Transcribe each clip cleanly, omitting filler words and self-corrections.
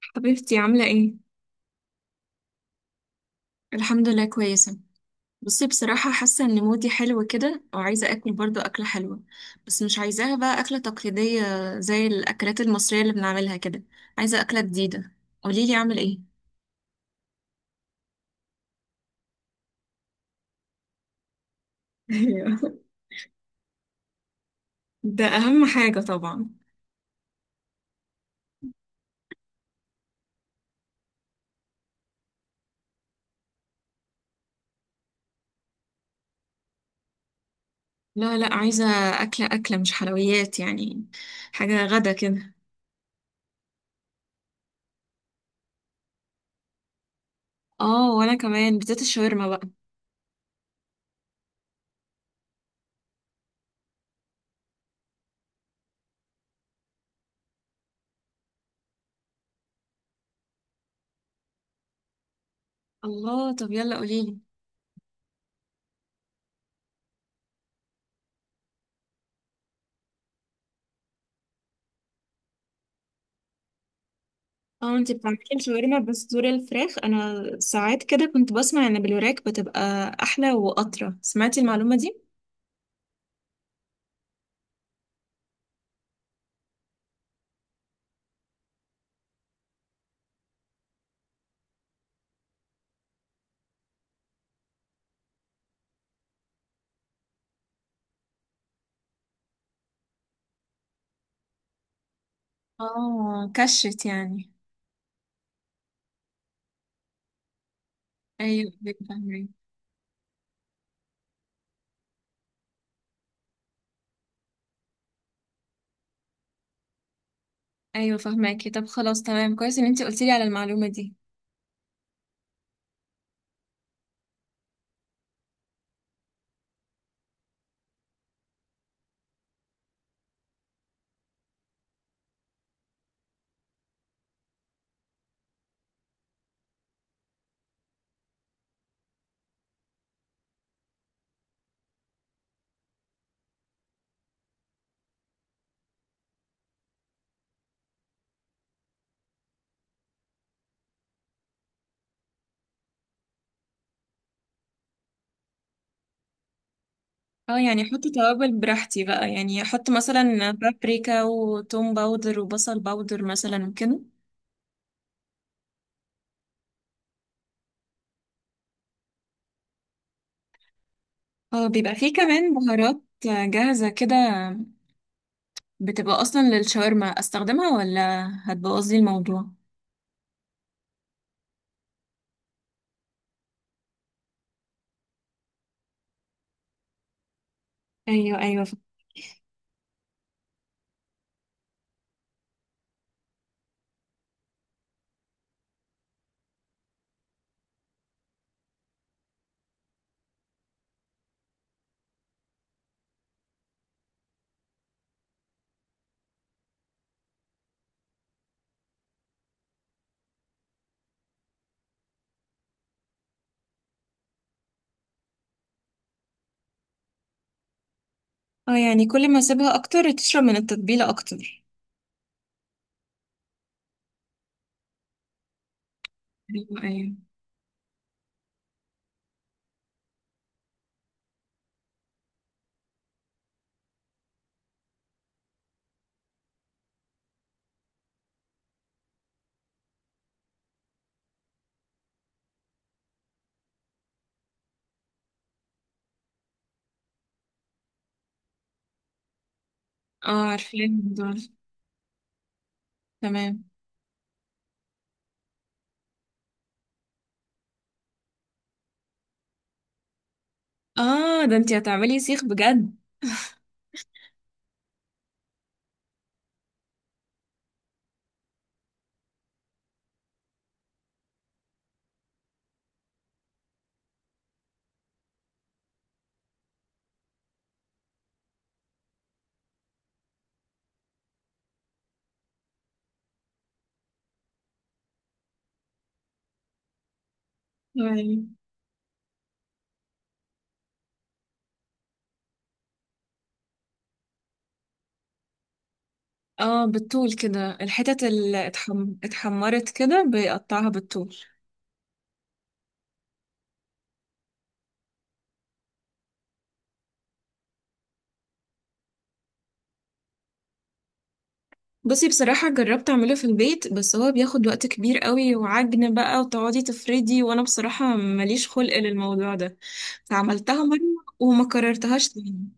حبيبتي عاملة ايه؟ الحمد لله كويسة. بصي بصراحة حاسة ان مودي حلو كده وعايزة اكل برضو اكلة حلوة، بس مش عايزاها بقى اكلة تقليدية زي الاكلات المصرية اللي بنعملها كده. عايزة اكلة جديدة، قوليلي اعمل ايه؟ ايوه. ده اهم حاجة طبعا. لا لا، عايزة اكلة مش حلويات يعني، حاجة غدا كده. اه وانا كمان بتاعت الشاورما بقى. الله، طب يلا قوليلي. اه انتي بتعملي الشاورما بصدور الفراخ، انا ساعات كده كنت بسمع ان بالوراك بتبقى احلى واطرى، سمعتي المعلومة دي. اه كشت يعني. ايوه فاهمك. ايوه فاهماكي، طب خلاص تمام، كويس ان انتي قلتي لي على المعلومة دي. اه يعني حطي توابل براحتي بقى، يعني احط مثلا بابريكا وتوم باودر وبصل باودر مثلا وكده. اه بيبقى فيه كمان بهارات جاهزة كده بتبقى اصلا للشاورما، استخدمها ولا هتبوظلي الموضوع؟ ايوه ايوه. اه يعني كل ما اسيبها اكتر تشرب من التتبيلة اكتر. ايوه ايوه. اه عارفاه الموضوع ده. تمام. اه ده انتي هتعملي سيخ بجد. ايوه. اه بالطول كده، الحتت اللي اتحمرت كده بيقطعها بالطول. بصي بصراحة جربت اعمله في البيت بس هو بياخد وقت كبير قوي، وعجن بقى وتقعدي تفردي، وانا بصراحة ماليش خلق للموضوع ده. فعملتها مرة وما كررتهاش تاني.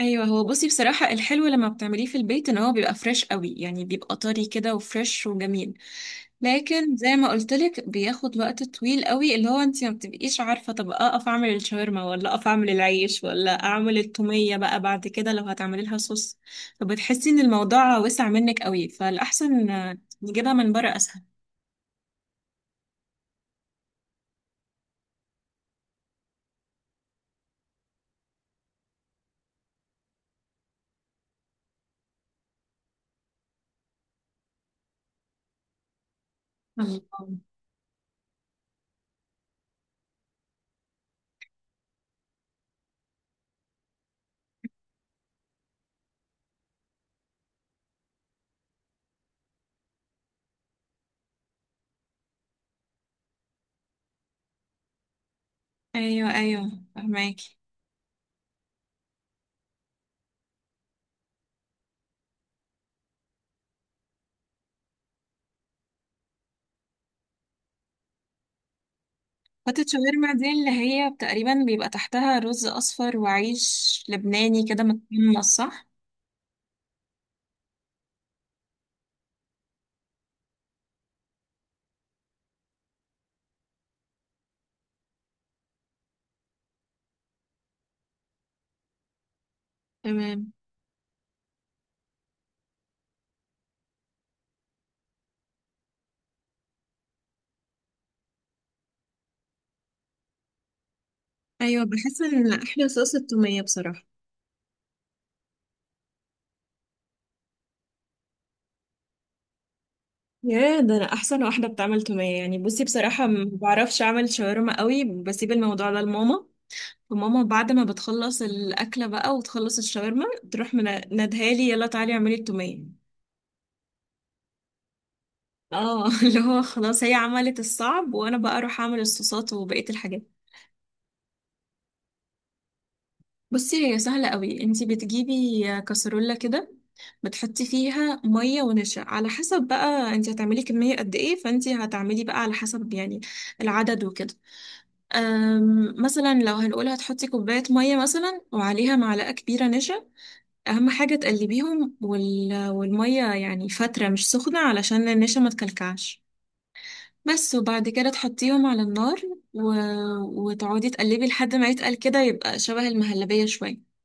ايوه هو بصي بصراحه الحلو لما بتعمليه في البيت ان هو بيبقى فريش قوي، يعني بيبقى طري كده وفريش وجميل. لكن زي ما قلت لك بياخد وقت طويل قوي، اللي هو انت ما بتبقيش عارفه طب اقف اعمل الشاورما ولا اقف اعمل العيش ولا اعمل التوميه بقى بعد كده لو هتعملي لها صوص. فبتحسي ان الموضوع وسع منك قوي، فالاحسن نجيبها من بره اسهل. الله. ايوه ايوه فهماكي. فتة شاورما دي اللي هي تقريبا بيبقى تحتها رز أصفر وعيش لبناني كده متقمص، صح؟ تمام. أيوة بحس إن أحلى صوص التومية بصراحة. يا ده أنا أحسن واحدة بتعمل تومية يعني، بصي بصراحة ما بعرفش أعمل شاورما قوي، بسيب الموضوع ده لماما. وماما بعد ما بتخلص الأكلة بقى وتخلص الشاورما تروح منادها لي، يلا تعالي اعملي التومية. اه اللي هو خلاص هي عملت الصعب وأنا بقى أروح أعمل الصوصات وبقية الحاجات. بصي هي سهلة قوي، انتي بتجيبي كسرولة كده، بتحطي فيها مية ونشا على حسب بقى انتي هتعملي كمية قد ايه، فانتي هتعملي بقى على حسب يعني العدد وكده. مثلا لو هنقول هتحطي كوباية مية مثلا وعليها معلقة كبيرة نشا. أهم حاجة تقلبيهم والمية يعني فترة مش سخنة علشان النشا ما تكلكعش بس، وبعد كده تحطيهم على النار و... وتقعدي تقلبي لحد ما يتقل كده، يبقى شبه المهلبية شوية.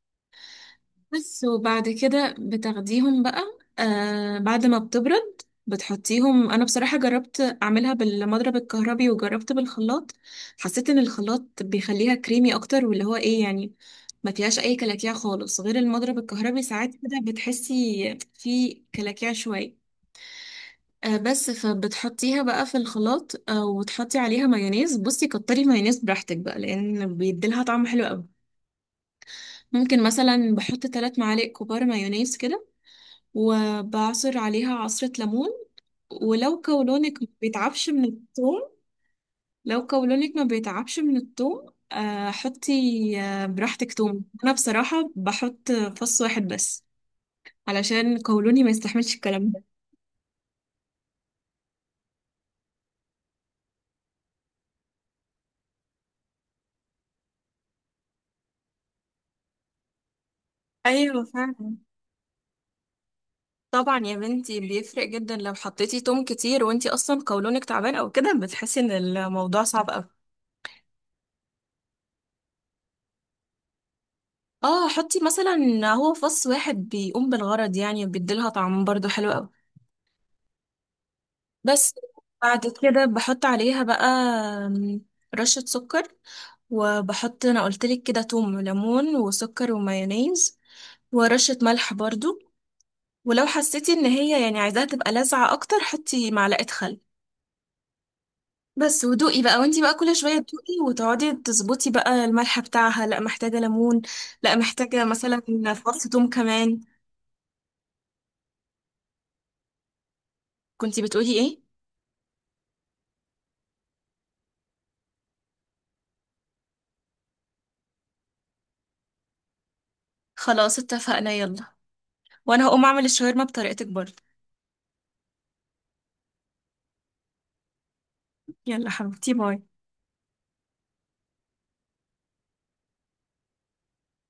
بس وبعد كده بتاخديهم بقى، آه بعد ما بتبرد بتحطيهم. انا بصراحة جربت اعملها بالمضرب الكهربي وجربت بالخلاط، حسيت ان الخلاط بيخليها كريمي اكتر، واللي هو ايه يعني ما فيهاش اي كلاكيع خالص، غير المضرب الكهربي ساعات كده بتحسي في كلاكيع شوية. آه بس، فبتحطيها بقى في الخلاط، آه وتحطي عليها مايونيز. بصي كتري مايونيز براحتك بقى لان بيديلها طعم حلو قوي. ممكن مثلا بحط 3 معالق كبار مايونيز كده، وبعصر عليها عصرة ليمون. ولو قولونك ما بيتعبش من الثوم، لو قولونك ما بيتعبش من الثوم حطي براحتك ثوم. انا بصراحة بحط 1 فص بس علشان قولوني ما يستحملش الكلام ده. ايوه فعلا. طبعا يا بنتي بيفرق جدا لو حطيتي توم كتير وانتي اصلا قولونك تعبان او كده بتحسي ان الموضوع صعب قوي. اه حطي مثلا، هو 1 فص بيقوم بالغرض يعني وبيديلها طعم برضو حلو قوي بس. بعد كده بحط عليها بقى رشة سكر. وبحط انا قلتلك كده توم وليمون وسكر ومايونيز ورشة ملح برضو. ولو حسيتي ان هي يعني عايزاها تبقى لاذعة اكتر حطي معلقة خل بس، ودوقي بقى وانتي بقى كل شوية تدوقي وتقعدي تظبطي بقى الملح بتاعها، لا محتاجة ليمون، لا محتاجة مثلا فص توم كمان. كنتي بتقولي ايه؟ خلاص اتفقنا، يلا، وانا هقوم اعمل الشاورما بطريقتك برضه. يلا حبيبتي، باي.